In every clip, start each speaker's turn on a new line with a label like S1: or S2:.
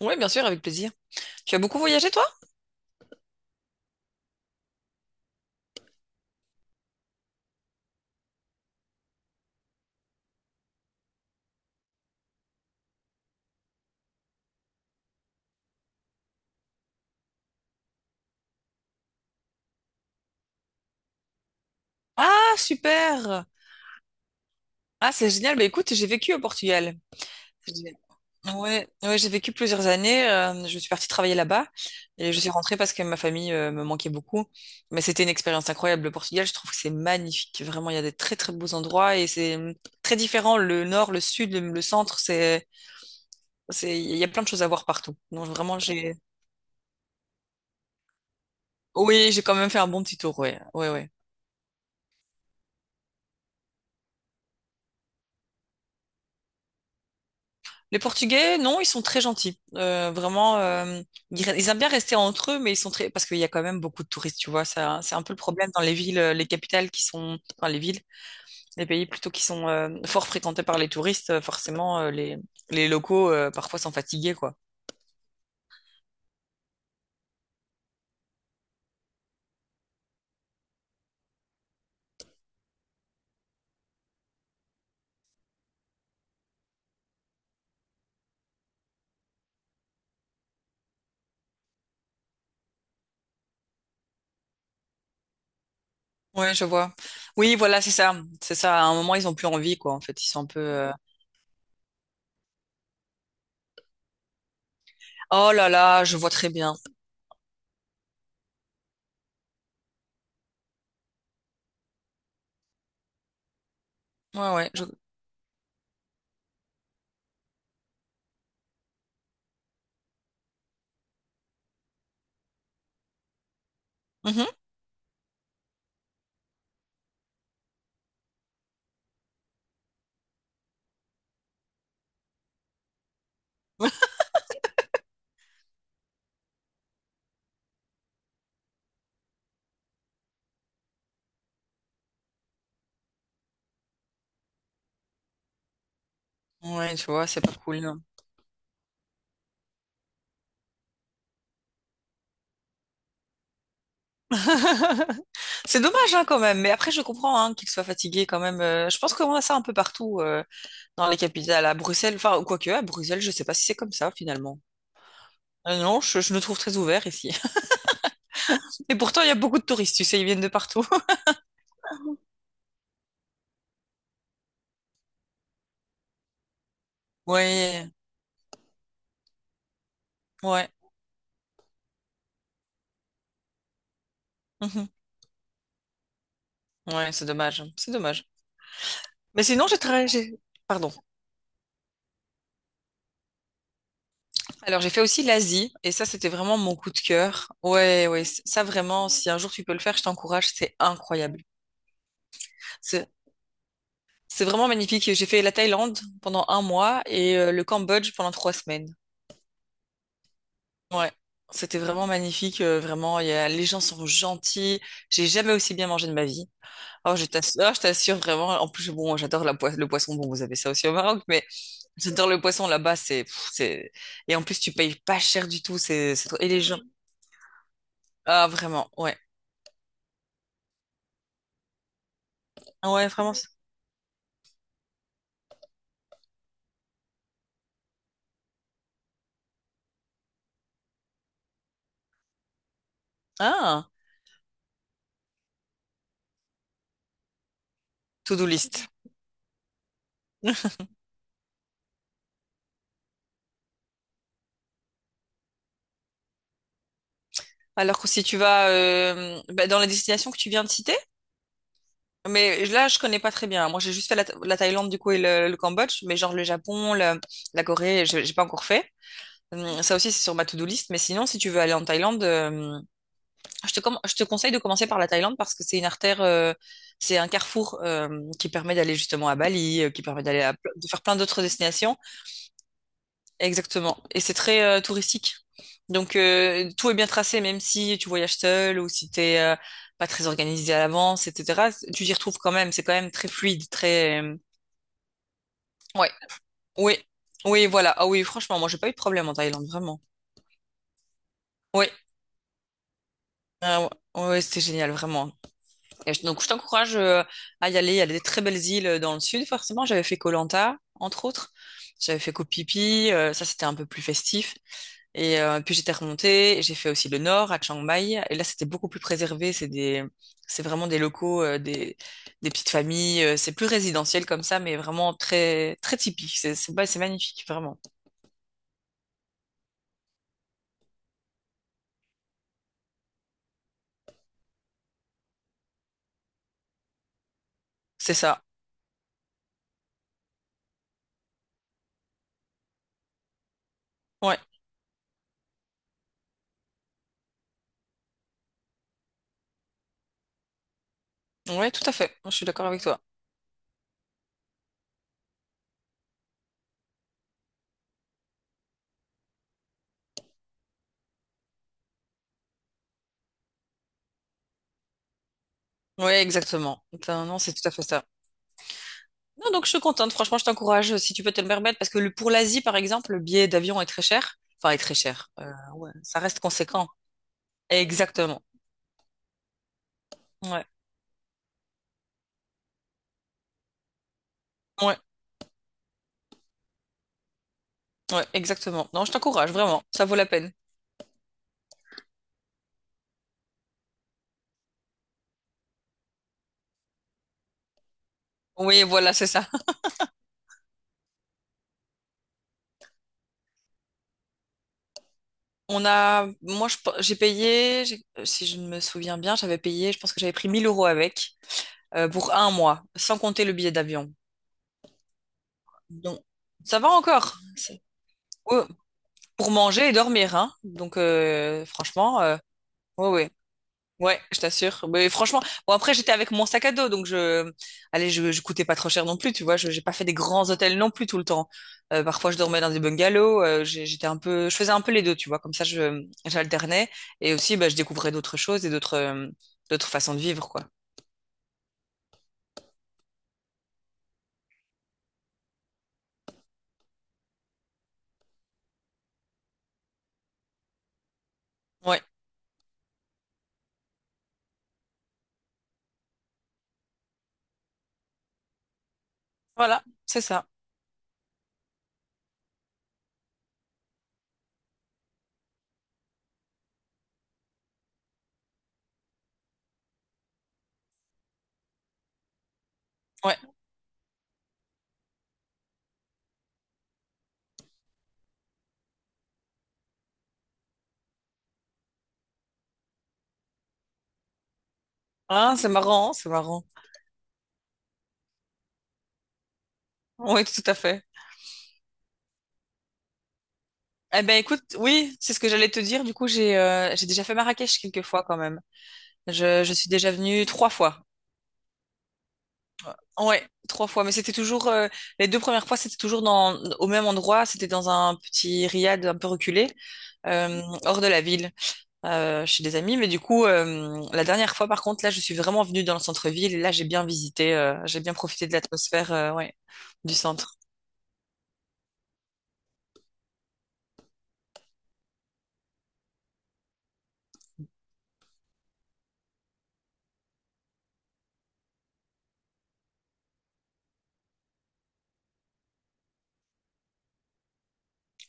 S1: Oui, bien sûr, avec plaisir. Tu as beaucoup voyagé, toi? Ah, super! Ah, c'est génial. Bah, écoute, j'ai vécu au Portugal. J'ai- Ouais, ouais, j'ai vécu plusieurs années. Je suis partie travailler là-bas et je suis rentrée parce que ma famille me manquait beaucoup. Mais c'était une expérience incroyable. Le Portugal, je trouve que c'est magnifique. Vraiment, il y a des très très beaux endroits et c'est très différent. Le nord, le sud, le centre, il y a plein de choses à voir partout. Donc vraiment, j'ai, oui, j'ai quand même fait un bon petit tour. Ouais, ouais, ouais. Les Portugais, non, ils sont très gentils. Vraiment, ils aiment bien rester entre eux, mais ils sont très. Parce qu'il y a quand même beaucoup de touristes, tu vois. Ça, c'est un peu le problème dans les villes, les capitales qui sont. Enfin, les villes, les pays plutôt qui sont fort fréquentés par les touristes. Forcément, les locaux, parfois, sont fatigués, quoi. Ouais, je vois. Oui, voilà, c'est ça. C'est ça. À un moment, ils ont plus envie, quoi, en fait. Ils sont un peu. Oh là là, je vois très bien. Ouais, ouais. Mhm. Ouais, tu vois, c'est pas cool. Non. C'est dommage hein, quand même, mais après je comprends hein, qu'il soit fatigué quand même. Je pense qu'on a ça un peu partout dans les capitales, à Bruxelles, enfin quoique à Bruxelles, je sais pas si c'est comme ça finalement. Non, je le trouve très ouvert ici. Et pourtant il y a beaucoup de touristes, tu sais, ils viennent de partout. Ouais, ouais, mhm. Ouais, c'est dommage, c'est dommage. Mais sinon pardon. Alors j'ai fait aussi l'Asie et ça c'était vraiment mon coup de cœur. Ouais, ouais, ça vraiment, si un jour tu peux le faire, je t'encourage, c'est incroyable. C'est vraiment magnifique. J'ai fait la Thaïlande pendant un mois et le Cambodge pendant 3 semaines. Ouais, c'était vraiment magnifique. Vraiment, les gens sont gentils. J'ai jamais aussi bien mangé de ma vie. Oh, je t'assure vraiment. En plus, bon, j'adore la le poisson. Bon, vous avez ça aussi au Maroc, mais j'adore le poisson là-bas. C'est, et en plus, tu payes pas cher du tout. Et les gens. Ah, vraiment, ouais. Ah ouais, vraiment. Ah, to-do list. Alors que si tu vas bah, dans la destination que tu viens de citer. Mais là, je connais pas très bien. Moi, j'ai juste fait la Thaïlande, du coup, et le Cambodge. Mais genre le Japon, la Corée, j'ai pas encore fait. Ça aussi, c'est sur ma to-do list. Mais sinon, si tu veux aller en Thaïlande, je te conseille de commencer par la Thaïlande parce que c'est une artère, c'est un carrefour qui permet d'aller justement à Bali, qui permet d'aller de faire plein d'autres destinations. Exactement. Et c'est très touristique. Donc tout est bien tracé, même si tu voyages seul ou si t'es pas très organisé à l'avance, etc. Tu t'y retrouves quand même. C'est quand même très fluide, très. Ouais. Oui. Oui, voilà. Ah oui, franchement, moi j'ai pas eu de problème en Thaïlande, vraiment. Oui. Ah ouais, ouais, c'était génial, vraiment. Et donc je t'encourage à y aller. Il y a des très belles îles dans le sud, forcément. J'avais fait Koh Lanta, entre autres. J'avais fait Koh Phi Phi. Ça, c'était un peu plus festif. Et puis j'étais remontée, et j'ai fait aussi le nord à Chiang Mai. Et là, c'était beaucoup plus préservé. C'est vraiment des locaux, des petites familles. C'est plus résidentiel comme ça, mais vraiment très, très typique. Bah, c'est magnifique, vraiment. C'est ça. Ouais, ouais, tout à fait. Je suis d'accord avec toi. Ouais, exactement. Non, c'est tout à fait ça. Non, donc je suis contente. Franchement, je t'encourage si tu peux te le permettre, parce que pour l'Asie, par exemple, le billet d'avion est très cher. Enfin, est très cher. Ouais, ça reste conséquent. Exactement. Ouais. Ouais. Ouais, exactement. Non, je t'encourage, vraiment. Ça vaut la peine. Oui, voilà, c'est ça. Moi, j'ai payé, si je ne me souviens bien, j'avais payé, je pense que j'avais pris 1 000 € avec, pour un mois, sans compter le billet d'avion. Donc, ça va encore. Ouais, pour manger et dormir, hein. Donc, franchement, ouais, ouais. Ouais, je t'assure. Mais franchement, bon après j'étais avec mon sac à dos, donc allez, je coûtais pas trop cher non plus, tu vois. J'ai pas fait des grands hôtels non plus tout le temps. Parfois je dormais dans des bungalows. J'étais un peu, je faisais un peu les deux, tu vois. Comme ça, j'alternais et aussi, bah, je découvrais d'autres choses et d'autres façons de vivre, quoi. Ouais, voilà, c'est ça. Ouais. Ah, c'est marrant, hein, c'est marrant. Oui, tout à fait. Eh ben écoute, oui, c'est ce que j'allais te dire. Du coup, j'ai déjà fait Marrakech quelques fois quand même. Je suis déjà venue trois fois. Ouais, trois fois. Mais c'était toujours les deux premières fois, c'était toujours dans au même endroit. C'était dans un petit riad un peu reculé, hors de la ville, chez des amis. Mais du coup, la dernière fois, par contre, là, je suis vraiment venue dans le centre-ville. Et là, j'ai bien visité, j'ai bien profité de l'atmosphère, ouais, du centre.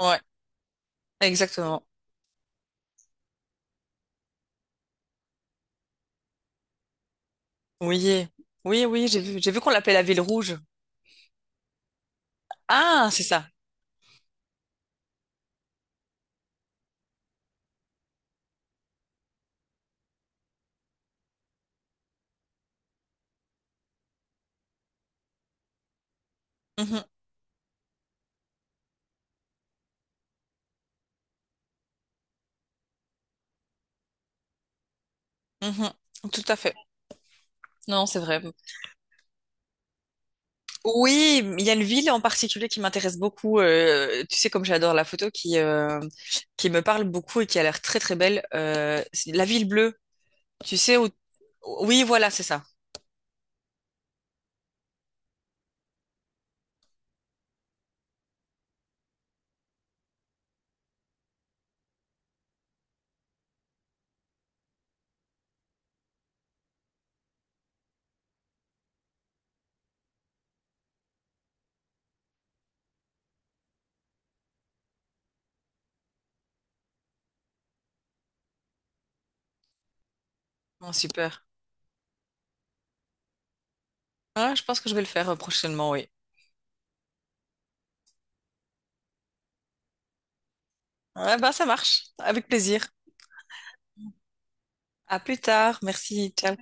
S1: Ouais, exactement. Oui, oui, oui. J'ai vu qu'on l'appelait la ville rouge. Ah, c'est ça. Mhm, mhm. Tout à fait. Non, c'est vrai. Oui, il y a une ville en particulier qui m'intéresse beaucoup. Tu sais, comme j'adore la photo, qui me parle beaucoup et qui a l'air très très belle. C'est la ville bleue. Tu sais où? Oui, voilà, c'est ça. Oh, super. Ah, je pense que je vais le faire prochainement, oui. Ah, ben, ça marche. Avec plaisir. À plus tard. Merci. Ciao.